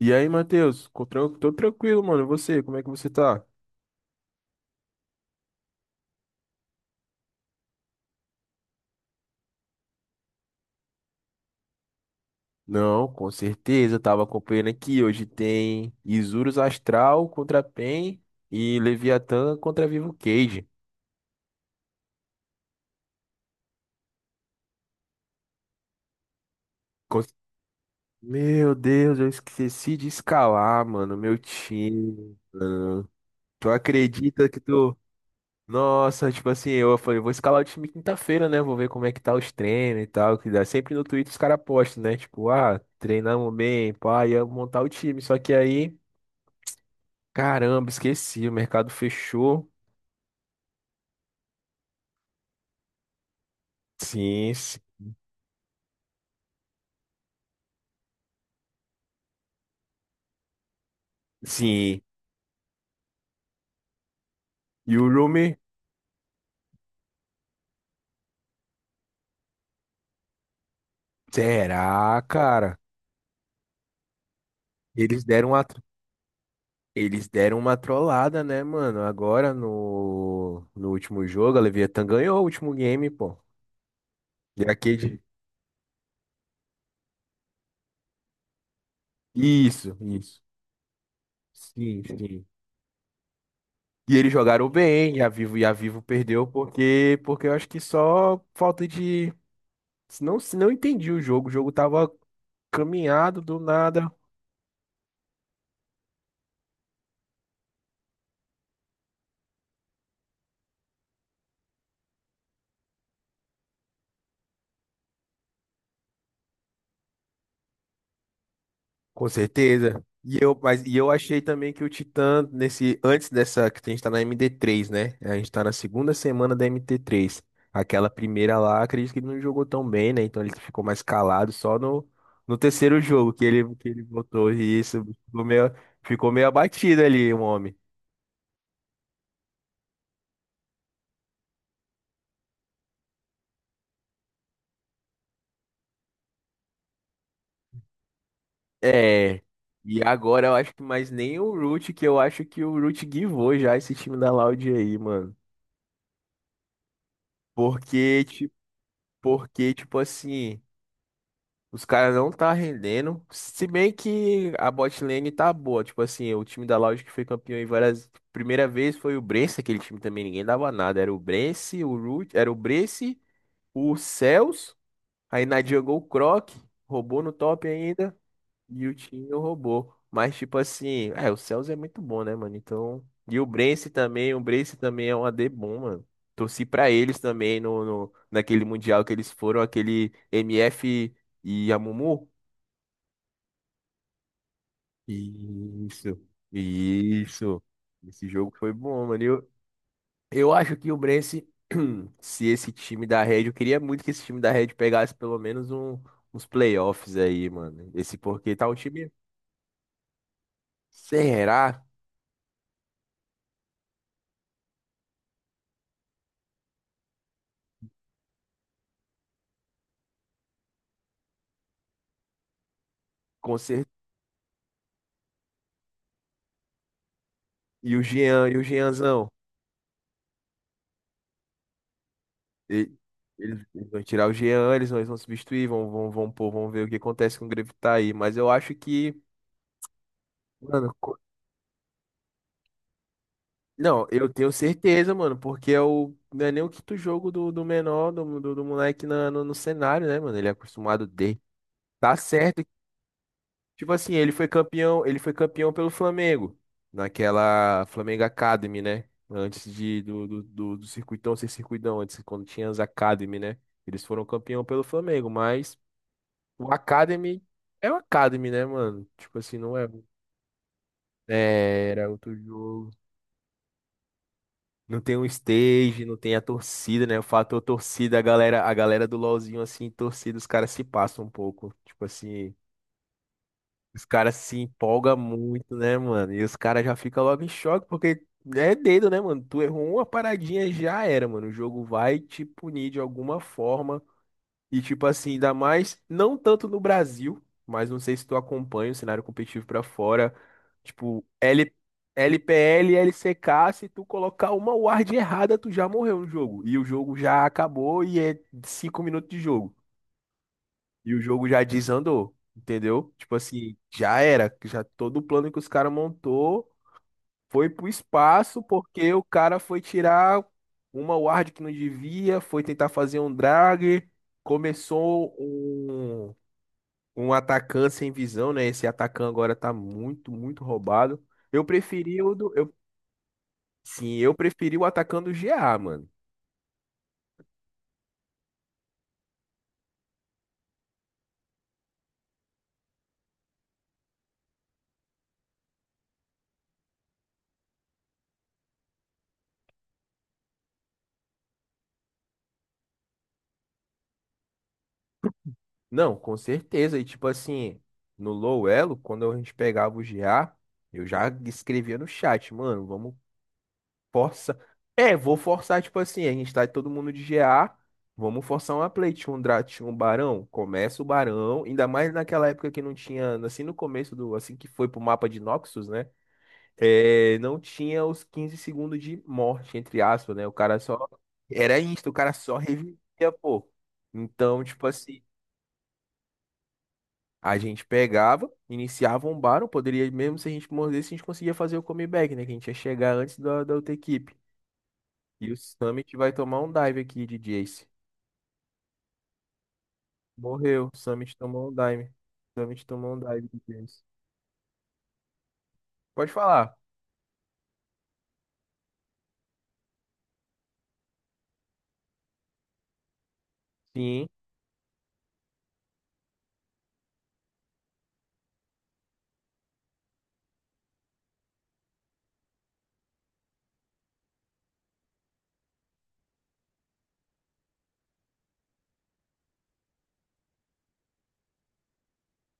E aí, Matheus? Tô tranquilo, mano. E você, como é que você tá? Não, com certeza. Tava acompanhando aqui. Hoje tem Isurus Astral contra Pen e Leviatã contra Vivo Cage. Con- Meu Deus, eu esqueci de escalar, mano, meu time. Tu acredita que tu. Nossa, tipo assim, eu falei, vou escalar o time quinta-feira, né? Vou ver como é que tá os treinos e tal. Que dá sempre no Twitter os caras postam, né? Tipo, ah, treinamos bem, pá, ia montar o time. Só que aí. Caramba, esqueci, o mercado fechou. Sim, sim. E o Rumi? Será, cara? Eles deram uma, tro- Eles deram uma trollada, né, mano? Agora no último jogo, a Leviathan ganhou o último game, pô. E a Isso, isso. Sim, sim. E eles jogaram bem, e a Vivo perdeu porque eu acho que só falta de. Não, se não entendi o jogo. O jogo tava caminhado do nada. Com certeza. E eu achei também que o Titã, nesse, antes dessa, que a gente tá na md três né? A gente tá na segunda semana da mt três. Aquela primeira lá, acredito que ele não jogou tão bem, né? Então ele ficou mais calado só no terceiro jogo que ele botou isso. Ficou meio abatido ali, o homem. É. E agora eu acho que mais nem o Root, que eu acho que o Root guivou já esse time da Loud aí, mano. Porque, tipo, porque, tipo assim. Os caras não tá rendendo. Se bem que a bot lane tá boa. Tipo assim, o time da Loud que foi campeão em várias. Primeira vez foi o Brence, aquele time também ninguém dava nada. Era o Brence, o Root, era o Brence, o Cells. Aí na jungle o Croc, roubou no top ainda. E o time roubou. Mas tipo assim, é, o Cells é muito bom, né, mano? Então. E o Brence também é um AD bom, mano. Torci pra eles também naquele mundial que eles foram, aquele MF e a Mumu. Isso, isso. Esse jogo foi bom, mano. Eu acho que o Brence, se esse time da Red, eu queria muito que esse time da Red pegasse pelo menos um, uns playoffs aí, mano. Esse porque tá um time. Será? Com certeza. E o Jean, e o Jeanzão? E- eles vão tirar o Jean, eles vão substituir, pôr, vão ver o que acontece com o Grevitar aí. Mas eu acho que, mano. Não, eu tenho certeza, mano, porque é o, não é nem o quinto jogo do menor, do moleque na, no, no cenário, né, mano? Ele é acostumado de. Tá certo. Tipo assim, ele foi campeão pelo Flamengo, naquela Flamengo Academy, né? Antes de, do, do, do, do circuitão ser circuitão, antes, quando tinha as Academy, né? Eles foram campeão pelo Flamengo, mas o Academy é o Academy, né, mano? Tipo assim, não é. É, era outro jogo. Não tem um stage, não tem a torcida, né? O fator torcida, a galera do LoLzinho, assim, torcida, os caras se passam um pouco. Tipo assim, os caras se empolgam muito, né, mano? E os caras já ficam logo em choque, porque é dedo, né, mano? Tu errou uma paradinha, já era, mano. O jogo vai te punir de alguma forma. E tipo assim, ainda mais, não tanto no Brasil, mas não sei se tu acompanha o cenário competitivo pra fora, tipo, LPL, LCK, se tu colocar uma ward errada, tu já morreu no jogo. E o jogo já acabou e é 5 minutos de jogo. E o jogo já desandou, entendeu? Tipo assim, já era, já todo o plano que os caras montou foi pro espaço porque o cara foi tirar uma ward que não devia, foi tentar fazer um drag, começou um atacante sem visão, né? Esse atacante agora tá muito, muito roubado. Eu preferi o do, eu, sim, eu preferi o atacante do GA, mano. Não, com certeza. E tipo assim, no low elo, quando a gente pegava o GA, eu já escrevia no chat, mano, vamos. Força. É, vou forçar, tipo assim, a gente tá todo mundo de GA. Vamos forçar uma play. Tinha um barão, começa o barão. Ainda mais naquela época que não tinha, assim no começo do, assim que foi pro mapa de Noxus, né? É, não tinha os 15 segundos de morte, entre aspas, né? O cara só. Era isso, o cara só revivia, pô. Então, tipo assim, a gente pegava, iniciava um barão, poderia, mesmo se a gente mordesse, a gente conseguia fazer o comeback, né? Que a gente ia chegar antes da outra equipe. E o Summit vai tomar um dive aqui de Jace. Morreu. O Summit tomou um dive. O Summit tomou um dive de Jace. Pode falar. Sim,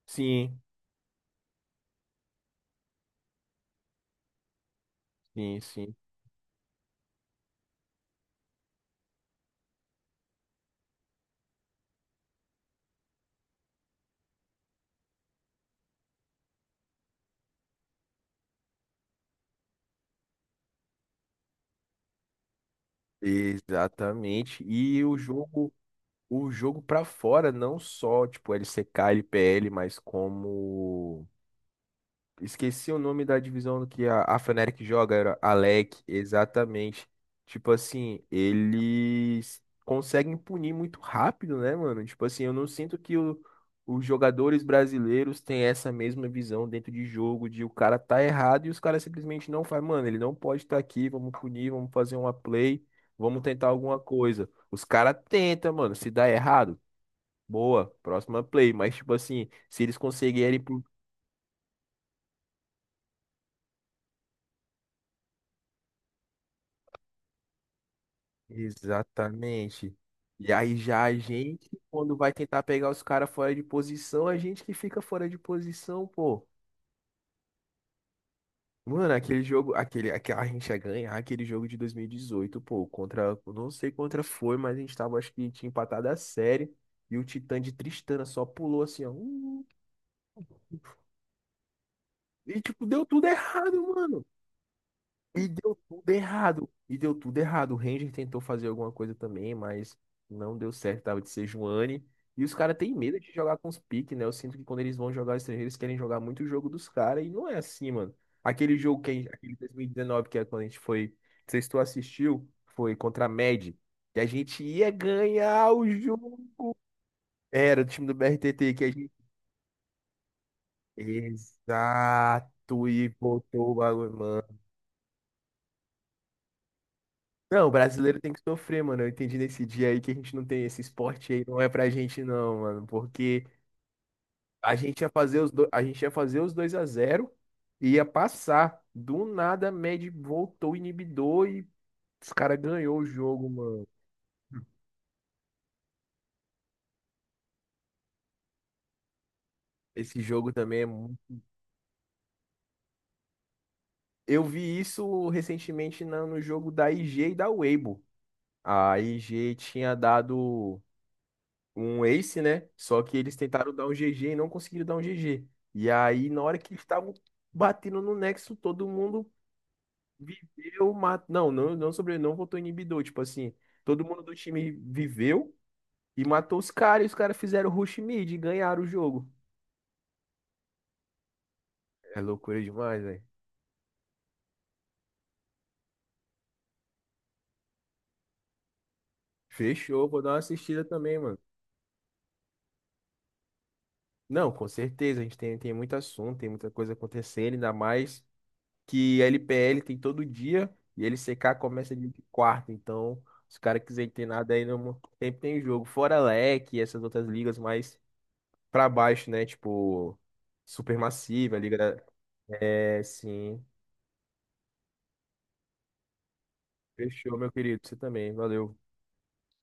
sim, sim, sim. Exatamente. E o jogo para fora, não só, tipo, LCK, LPL, mas como. Esqueci o nome da divisão que a Fnatic joga, era Alec, exatamente. Tipo assim, eles conseguem punir muito rápido, né, mano? Tipo assim, eu não sinto que os jogadores brasileiros têm essa mesma visão dentro de jogo, de o cara tá errado e os caras simplesmente não fazem, mano, ele não pode estar aqui, vamos punir, vamos fazer uma play, vamos tentar alguma coisa. Os caras tentam, mano, se dá errado, boa, próxima play, mas tipo assim, se eles conseguirem. Exatamente. E aí já a gente, quando vai tentar pegar os caras fora de posição, a gente que fica fora de posição, pô. Mano, aquele jogo, a gente ia ganhar aquele jogo de 2018 pô, contra, eu não sei contra foi, mas a gente tava, acho que tinha empatado a série, e o Titã de Tristana só pulou assim, ó, e tipo, deu tudo errado, mano. E deu tudo errado. E deu tudo errado. O Ranger tentou fazer alguma coisa também, mas não deu certo. Tava de Sejuani. E os caras têm medo de jogar com os piques, né? Eu sinto que quando eles vão jogar estrangeiros, eles querem jogar muito o jogo dos caras. E não é assim, mano. Aquele jogo que a gente, aquele 2019, que é quando a gente foi. Não sei se tu assistiu, foi contra a MED. Que a gente ia ganhar o jogo. Era o time do BRTT que a gente. Exato. E botou o bagulho. Não, o brasileiro tem que sofrer, mano. Eu entendi nesse dia aí que a gente não tem esse esporte aí, não é pra gente não, mano, porque a gente ia fazer os 2-0, e ia passar. Do nada, a Med voltou o inibidor e os caras ganhou o jogo, mano. Esse jogo também é muito. Eu vi isso recentemente no jogo da IG e da Weibo. A IG tinha dado um Ace, né? Só que eles tentaram dar um GG e não conseguiram dar um GG. E aí, na hora que eles estavam batendo no Nexo, todo mundo viveu, matou. Não, não, não sobre, não votou em inibidor. Tipo assim, todo mundo do time viveu e matou os caras. E os caras fizeram rush mid e ganharam o jogo. É loucura demais, velho. Fechou, vou dar uma assistida também, mano. Não, com certeza, a gente tem, muito assunto, tem muita coisa acontecendo, ainda mais, que a LPL tem todo dia e LCK começa de quarta. Então, se o cara quiser nada aí, não, sempre tem jogo. Fora a LEC e essas outras ligas mais pra baixo, né? Tipo, Supermassiva, Liga da. É, sim. Fechou, meu querido. Você também. Valeu.